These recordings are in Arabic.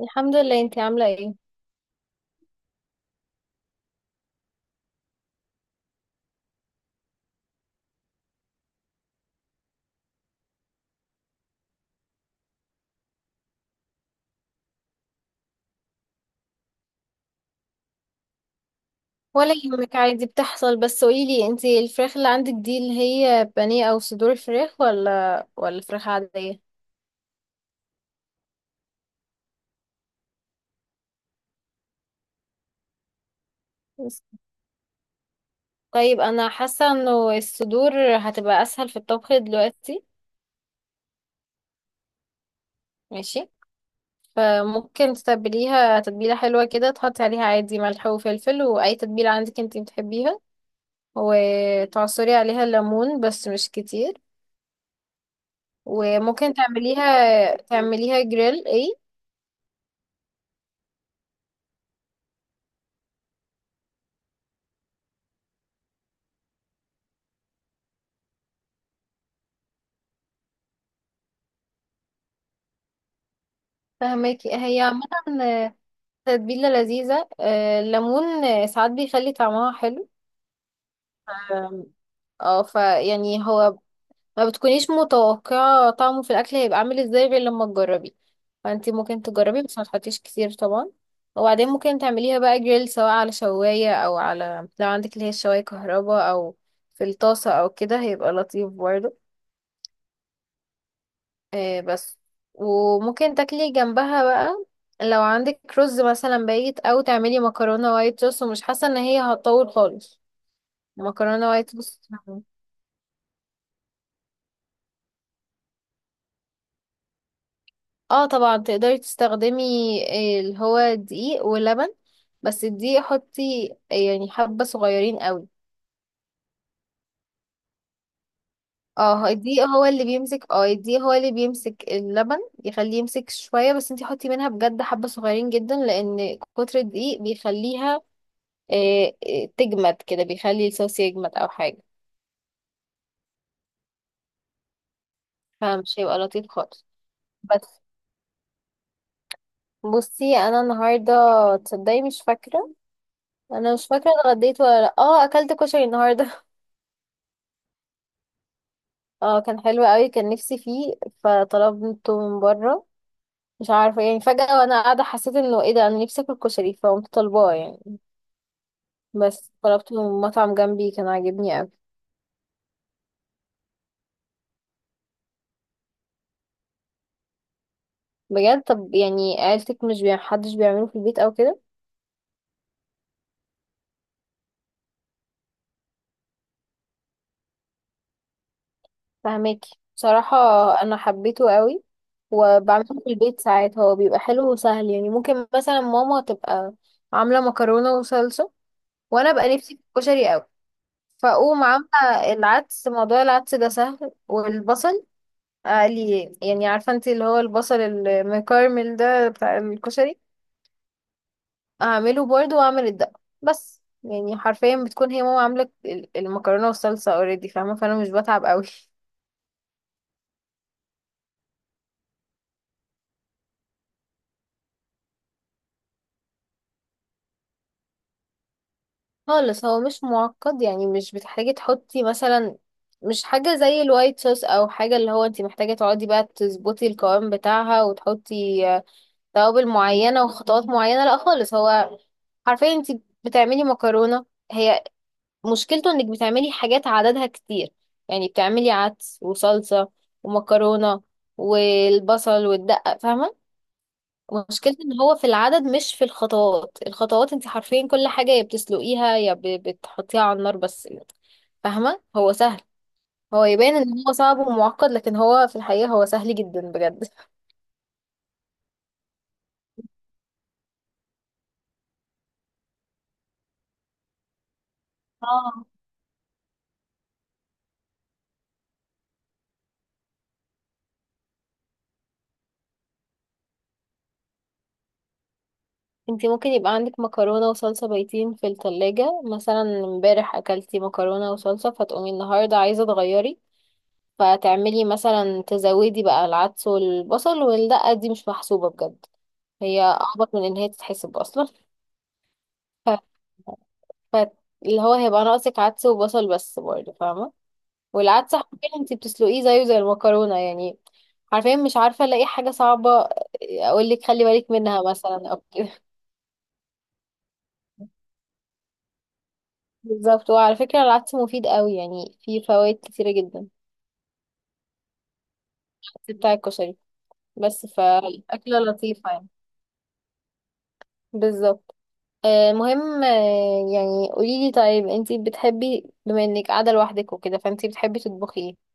الحمد لله، انتي عاملة ايه؟ ولا يهمك، عادي بتحصل. بس قوليلي، انتي الفراخ اللي عندك دي اللي هي بانيه او صدور فراخ ولا فراخ عادية؟ بس. طيب، انا حاسة انه الصدور هتبقى اسهل في الطبخ دلوقتي. ماشي. فممكن تتبليها تتبيلة حلوة كده، تحطي عليها عادي ملح وفلفل واي تتبيلة عندك انتي بتحبيها، وتعصري عليها ليمون بس مش كتير. وممكن تعمليها جريل ايه. فهماكي، هي عامة تتبيلة لذيذة. الليمون ساعات بيخلي طعمها حلو. آم، اه فيعني هو ما بتكونيش متوقعة طعمه في الأكل هيبقى عامل ازاي غير لما تجربي. فانتي ممكن تجربي بس ما تحطيش كتير طبعا. وبعدين ممكن تعمليها بقى جريل، سواء على شواية أو على لو عندك اللي هي الشواية كهرباء أو في الطاسة أو كده هيبقى لطيف برضه. آه، بس وممكن تاكلي جنبها بقى لو عندك رز مثلا بايت او تعملي مكرونه وايت صوص، ومش حاسه ان هي هتطول خالص. مكرونه وايت صوص. اه طبعا تقدري تستخدمي اللي هو دقيق ولبن. بس الدقيق حطي، يعني حبه صغيرين قوي. الدقيق هو اللي بيمسك اللبن، يخليه يمسك شويه. بس انتي حطي منها بجد حبه صغيرين جدا، لان كتر الدقيق بيخليها إيه تجمد كده، بيخلي الصوص يجمد او حاجه. فمش هيبقى لطيف خالص. بس بصي انا النهارده، تصدقي مش فاكره. انا مش فاكره اتغديت ولا لا. اه اكلت كشري النهارده. اه كان حلو قوي، كان نفسي فيه فطلبته من بره. مش عارفه يعني، فجاه وانا قاعده حسيت انه ايه ده، انا نفسي اكل كشري فقمت طالباه يعني. بس طلبته من مطعم جنبي، كان عاجبني قوي بجد. طب يعني عيلتك مش حدش بيعمله في البيت او كده؟ فهماكي بصراحة. أنا حبيته قوي وبعمله في البيت ساعات. هو بيبقى حلو وسهل يعني. ممكن مثلا ماما تبقى عاملة مكرونة وصلصة، وأنا بقى نفسي في الكشري قوي، فأقوم عاملة العدس. موضوع العدس ده سهل. والبصل أقلي، يعني عارفة انتي اللي هو البصل المكرمل ده بتاع الكشري، أعمله برضه، وأعمل الدقة. بس يعني حرفيا بتكون هي ماما عاملة المكرونة والصلصة اوريدي، فاهمة، فأنا مش بتعب قوي خالص. هو مش معقد يعني. مش بتحتاجي تحطي مثلا، مش حاجة زي الوايت صوص او حاجة اللي هو انت محتاجة تقعدي بقى تظبطي القوام بتاعها وتحطي توابل معينة وخطوات معينة. لا خالص. هو حرفيا انت بتعملي مكرونة. هي مشكلته انك بتعملي حاجات عددها كتير. يعني بتعملي عدس وصلصة ومكرونة والبصل والدقة، فاهمة. مشكلتي ان هو في العدد مش في الخطوات. الخطوات انت حرفيا كل حاجة يا بتسلقيها يا بتحطيها على النار بس، فاهمة. هو سهل. هو يبان ان هو صعب ومعقد، لكن هو في الحقيقة هو سهل جدا بجد. اه انت ممكن يبقى عندك مكرونة وصلصة بايتين في التلاجة مثلا، امبارح اكلتي مكرونة وصلصة فتقومي النهاردة عايزة تغيري، فتعملي مثلا تزودي بقى العدس والبصل. والدقة دي مش محسوبة بجد، هي اعبط من ان هي تتحسب اصلا. فاللي هو هيبقى ناقصك عدس وبصل بس برضه، فاهمة. والعدس حرفيا انتي بتسلقيه زيه زي المكرونة يعني. حرفيا مش عارفة الاقي حاجة صعبة اقولك خلي بالك منها مثلا او كده. بالظبط. وعلى فكرة، العدس مفيد قوي يعني، فيه فوائد كتيرة جدا بتاع الكشري. بس فالأكلة لطيفة يعني. بالظبط. المهم، يعني قوليلي، طيب انتي بتحبي، بما انك قاعدة لوحدك وكده، فانتي بتحبي تطبخي ايه؟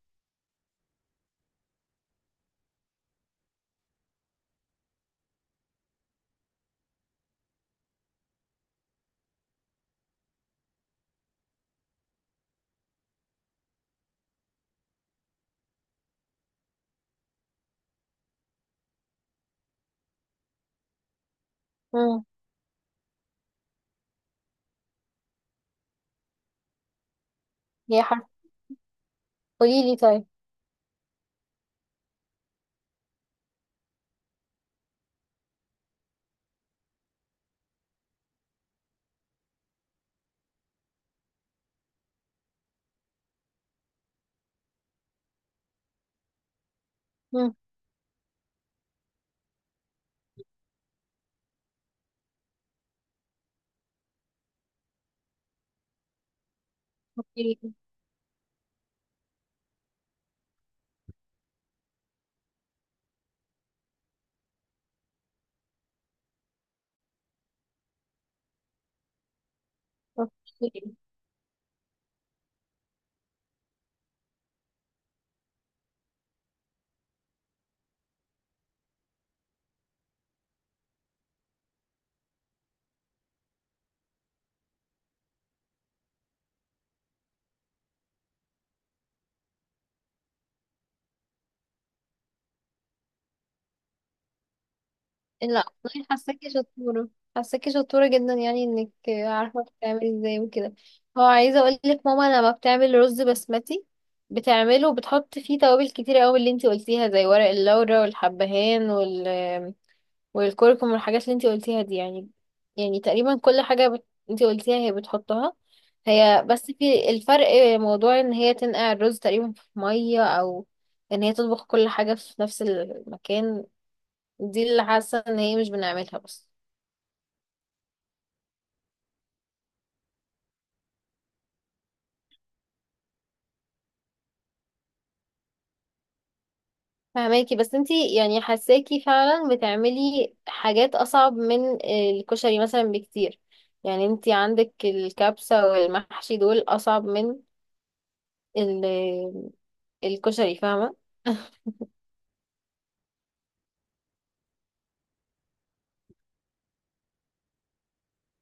مم. يا حرف، قوليلي طيب. مم. اوكي. اوكي. لا والله، حاساكي شطورة، حاساكي شطورة جدا يعني، انك عارفة بتعملي ازاي وكده. هو عايزة اقولك، ماما لما بتعمل رز بسمتي بتعمله وبتحط فيه توابل كتير قوي اللي انتي قلتيها، زي ورق اللورا والحبهان والكركم والحاجات اللي انتي قلتيها دي يعني. يعني تقريبا كل حاجة انتي قلتيها هي بتحطها. هي بس في الفرق، موضوع ان هي تنقع الرز تقريبا في مية، او ان هي تطبخ كل حاجة في نفس المكان، دي اللي حاسة ان هي مش بنعملها بس. فهماكي. بس انتي يعني حاساكي فعلا بتعملي حاجات اصعب من الكشري مثلا بكتير. يعني انتي عندك الكبسة والمحشي دول اصعب من ال- الكشري، فاهمة.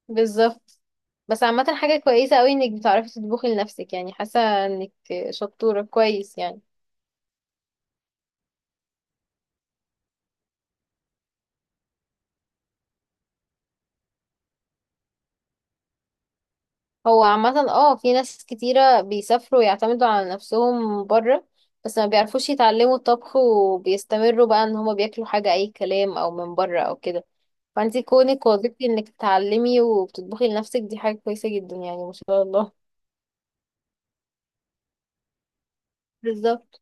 بالظبط. بس عامة حاجة كويسة قوي انك بتعرفي تطبخي لنفسك يعني. حاسة انك شطورة كويس يعني. هو عامة اه في ناس كتيرة بيسافروا ويعتمدوا على نفسهم بره، بس ما بيعرفوش يتعلموا الطبخ وبيستمروا بقى ان هما بياكلوا حاجة اي كلام او من بره او كده. فانتي كونك وظيفتي انك تتعلمي وبتطبخي لنفسك، دي حاجة كويسة جدا يعني، ما شاء الله. بالظبط.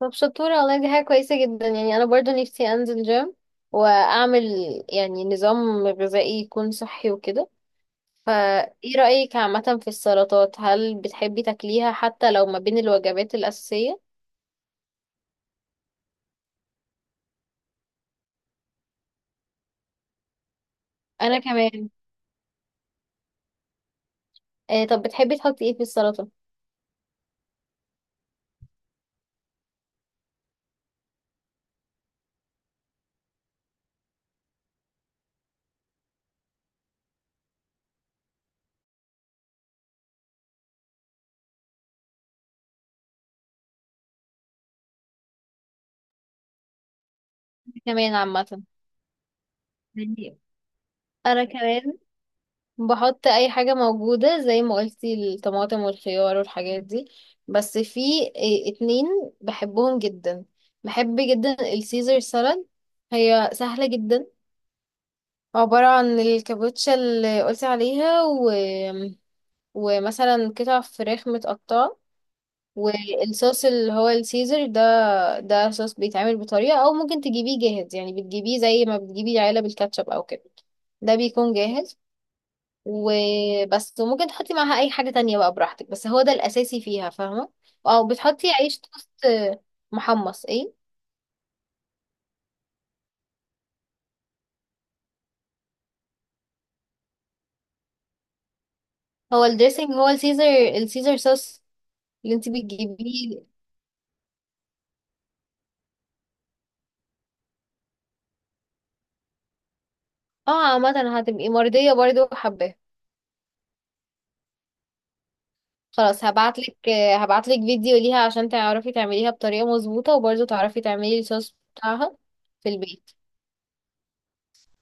طب شطورة والله، دي حاجة كويسة جدا يعني. انا برضو نفسي انزل جيم واعمل يعني نظام غذائي يكون صحي وكده. فايه رأيك عامة في السلطات؟ هل بتحبي تاكليها حتى لو ما بين الوجبات الأساسية؟ انا كمان. آه طب بتحبي تحطي ايه في السلطة؟ كمان عامة، يعني انا كمان بحط اي حاجة موجودة زي ما قلتي، الطماطم والخيار والحاجات دي. بس في اتنين بحبهم جدا. بحب جدا السيزر سالاد. هي سهلة جدا، عبارة عن الكابوتشا اللي قلتي عليها، و... ومثلا قطع فراخ متقطعة، والصوص اللي هو السيزر ده. ده صوص بيتعمل بطريقة، او ممكن تجيبيه جاهز، يعني بتجيبيه زي ما بتجيبي علب الكاتشب او كده، ده بيكون جاهز. وبس. وممكن تحطي معاها اي حاجة تانية بقى براحتك، بس هو ده الاساسي فيها فاهمة. او بتحطي عيش توست محمص. ايه؟ هو الدريسنج هو السيزر، السيزر صوص. اللي انت بتجيبيه. اه عامة هتبقي مرضية برضه وحباه. خلاص. هبعتلك فيديو ليها عشان تعرفي تعمليها بطريقة مظبوطة، وبرضه تعرفي تعملي الصوص بتاعها في البيت.